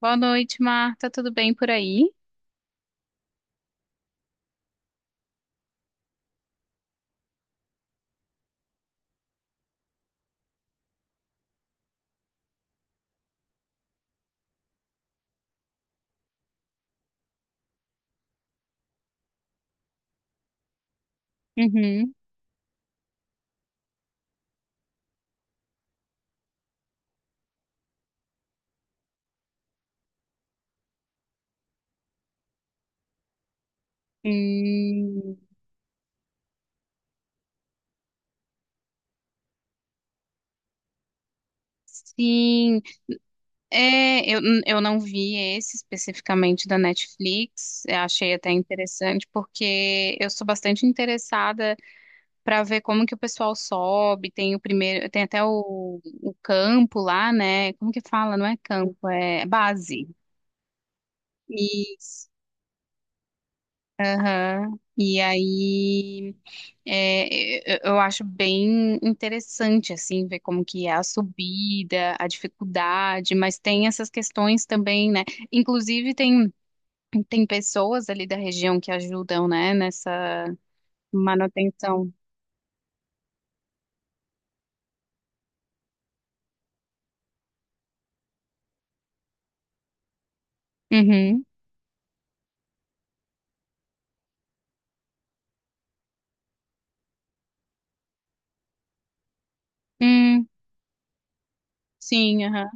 Boa noite, Marta. Tudo bem por aí? Uhum. Hum, sim. É, eu não vi esse especificamente da Netflix. Eu achei até interessante, porque eu sou bastante interessada para ver como que o pessoal sobe. Tem o primeiro, tem até o campo lá, né? Como que fala? Não é campo, é base. Isso. Aham. E aí. É, eu acho bem interessante, assim, ver como que é a subida, a dificuldade, mas tem essas questões também, né? Inclusive, tem pessoas ali da região que ajudam, né, nessa manutenção. Uhum. Hum, sim, aham.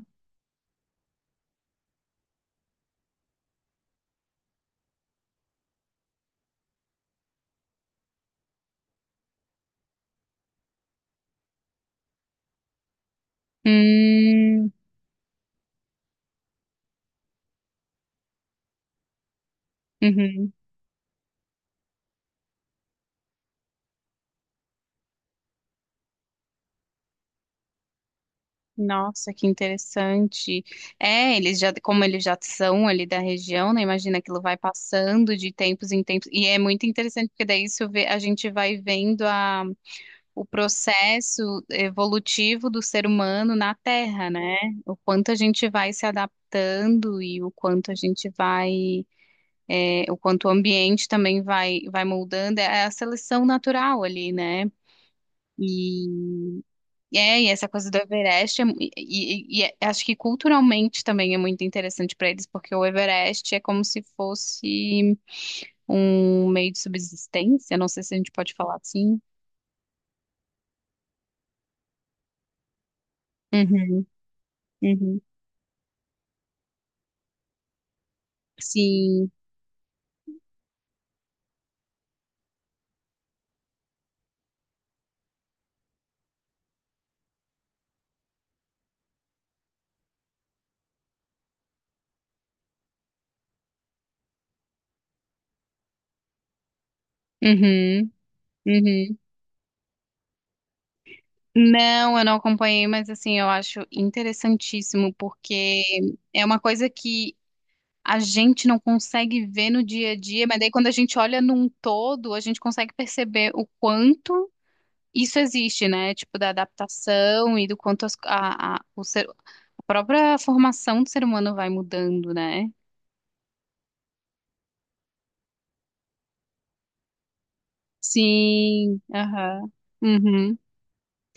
Hum, uhum. Nossa, que interessante. É, eles já, como eles já são ali da região, né? Imagina aquilo vai passando de tempos em tempos. E é muito interessante, porque daí isso a gente vai vendo o processo evolutivo do ser humano na Terra, né? O quanto a gente vai se adaptando e o quanto a gente vai, o quanto o ambiente também vai moldando. É a seleção natural ali, né? E e essa coisa do Everest, acho que culturalmente também é muito interessante para eles, porque o Everest é como se fosse um meio de subsistência, não sei se a gente pode falar assim. Uhum, uhum. Sim, uhum, uhum. Não, eu não acompanhei, mas assim, eu acho interessantíssimo, porque é uma coisa que a gente não consegue ver no dia a dia, mas daí quando a gente olha num todo, a gente consegue perceber o quanto isso existe, né? Tipo, da adaptação e do quanto a própria formação do ser humano vai mudando, né? Sim, aham. Uhum.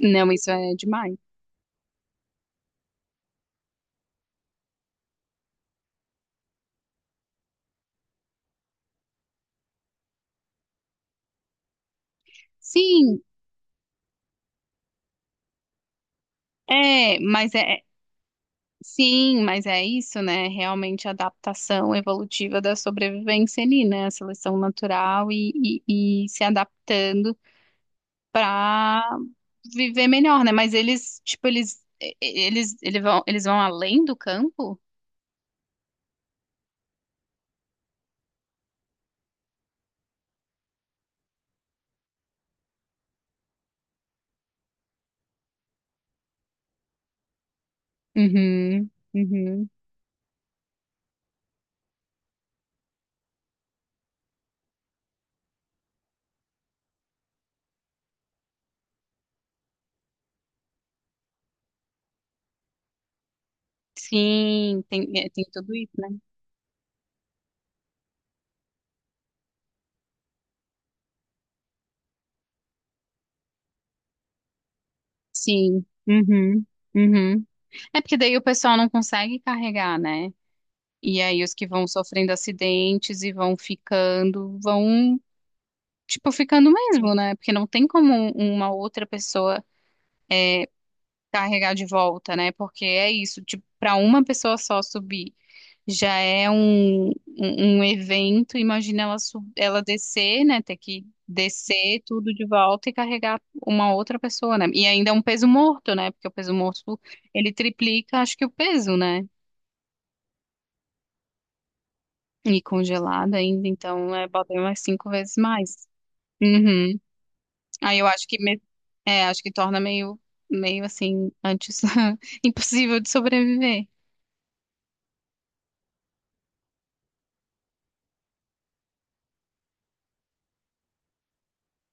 Não, isso é demais. Sim, é, mas é. Sim, mas é isso, né? Realmente a adaptação evolutiva da sobrevivência ali, né? A seleção natural e se adaptando para viver melhor, né? Mas eles, tipo, eles, e- eles, eles vão além do campo? Uhum, uhum. Sim, tem tudo isso, né? Sim. Uhum, uhum. É porque daí o pessoal não consegue carregar, né? E aí os que vão sofrendo acidentes e vão ficando, tipo, ficando mesmo, né? Porque não tem como uma outra pessoa. Carregar de volta, né? Porque é isso, tipo, para uma pessoa só subir já é um evento. Imagina ela, ela descer, né? Ter que descer tudo de volta e carregar uma outra pessoa, né? E ainda é um peso morto, né? Porque o peso morto ele triplica, acho que o peso, né? E congelado ainda, então bota aí umas cinco vezes mais. Uhum. Aí eu acho que acho que torna meio assim antes impossível de sobreviver.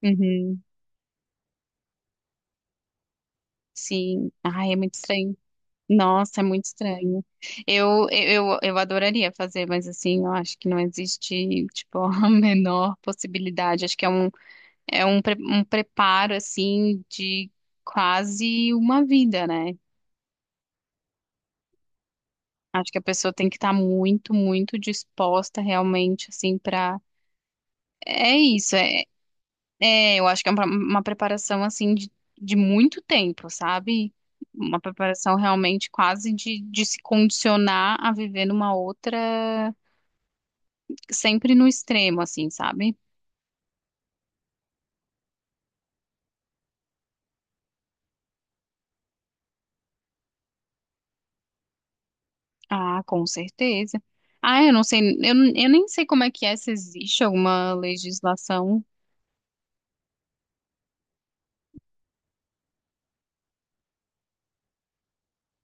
Uhum. Sim. Ai, é muito estranho. Nossa, é muito estranho. Eu adoraria fazer, mas assim, eu acho que não existe, tipo, a menor possibilidade. Acho que é um preparo, assim, de quase uma vida, né? Acho que a pessoa tem que estar muito, muito disposta realmente, assim, pra. É isso. É, eu acho que é uma preparação assim de muito tempo, sabe? Uma preparação realmente quase de se condicionar a viver numa outra, sempre no extremo, assim, sabe? Ah, com certeza. Ah, eu não sei, eu nem sei como é que é, se existe alguma legislação.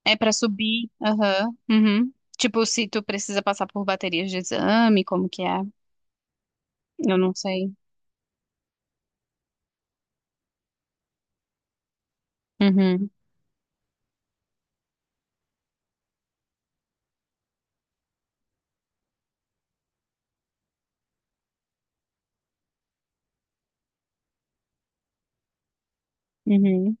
É para subir, aham, uhum. Tipo, se tu precisa passar por baterias de exame, como que é? Eu não sei. Uhum, uhum,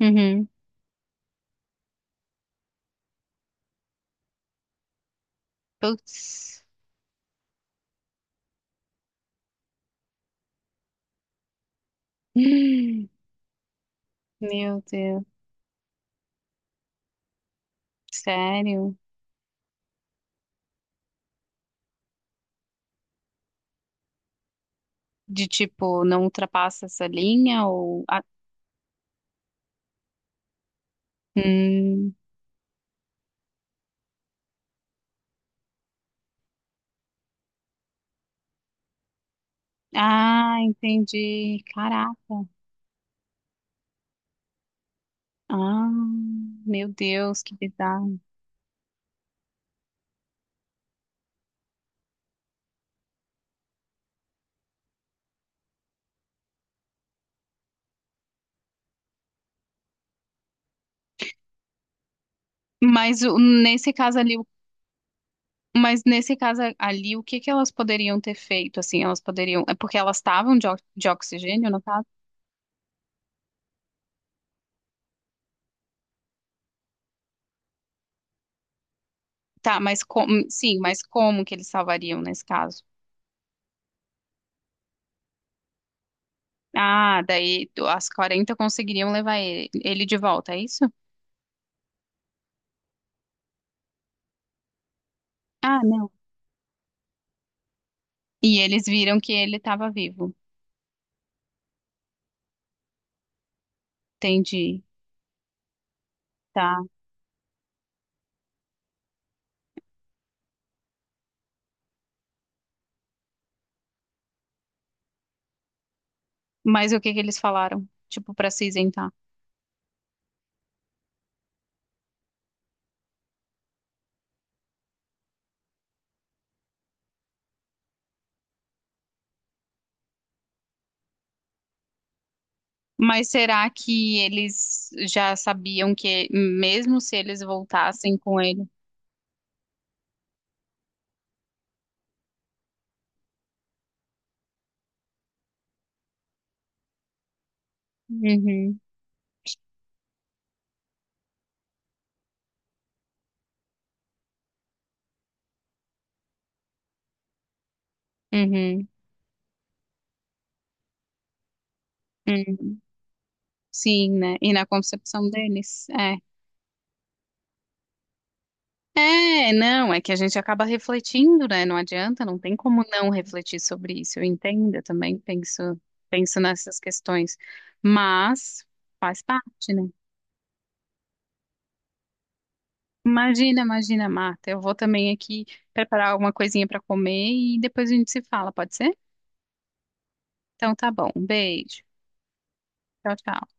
uhum. Putz. Meu Deus, sério? De tipo, não ultrapassa essa linha ou. Ah, hum. Ah, entendi. Caraca. Ah, meu Deus, que bizarro. Mas o- nesse caso ali, o- mas nesse caso ali, o que que elas poderiam ter feito? Assim, elas poderiam. É porque elas estavam de oxigênio, no caso? Tá, mas como. Sim, mas como que eles salvariam nesse caso? Ah, daí as 40 conseguiriam levar ele de volta, é isso? Ah, não. E eles viram que ele estava vivo. Entendi, tá. Mas o que que eles falaram? Tipo, para se isentar. Mas será que eles já sabiam que, mesmo se eles voltassem com ele? Uhum, uhum, uhum. Sim, né? E na concepção deles, é. É, não, é que a gente acaba refletindo, né? Não adianta, não tem como não refletir sobre isso. Eu entendo, eu também penso nessas questões. Mas faz parte, né? Imagina, imagina, Marta. Eu vou também aqui preparar alguma coisinha para comer e depois a gente se fala, pode ser? Então tá bom. Um beijo. Tchau, tchau.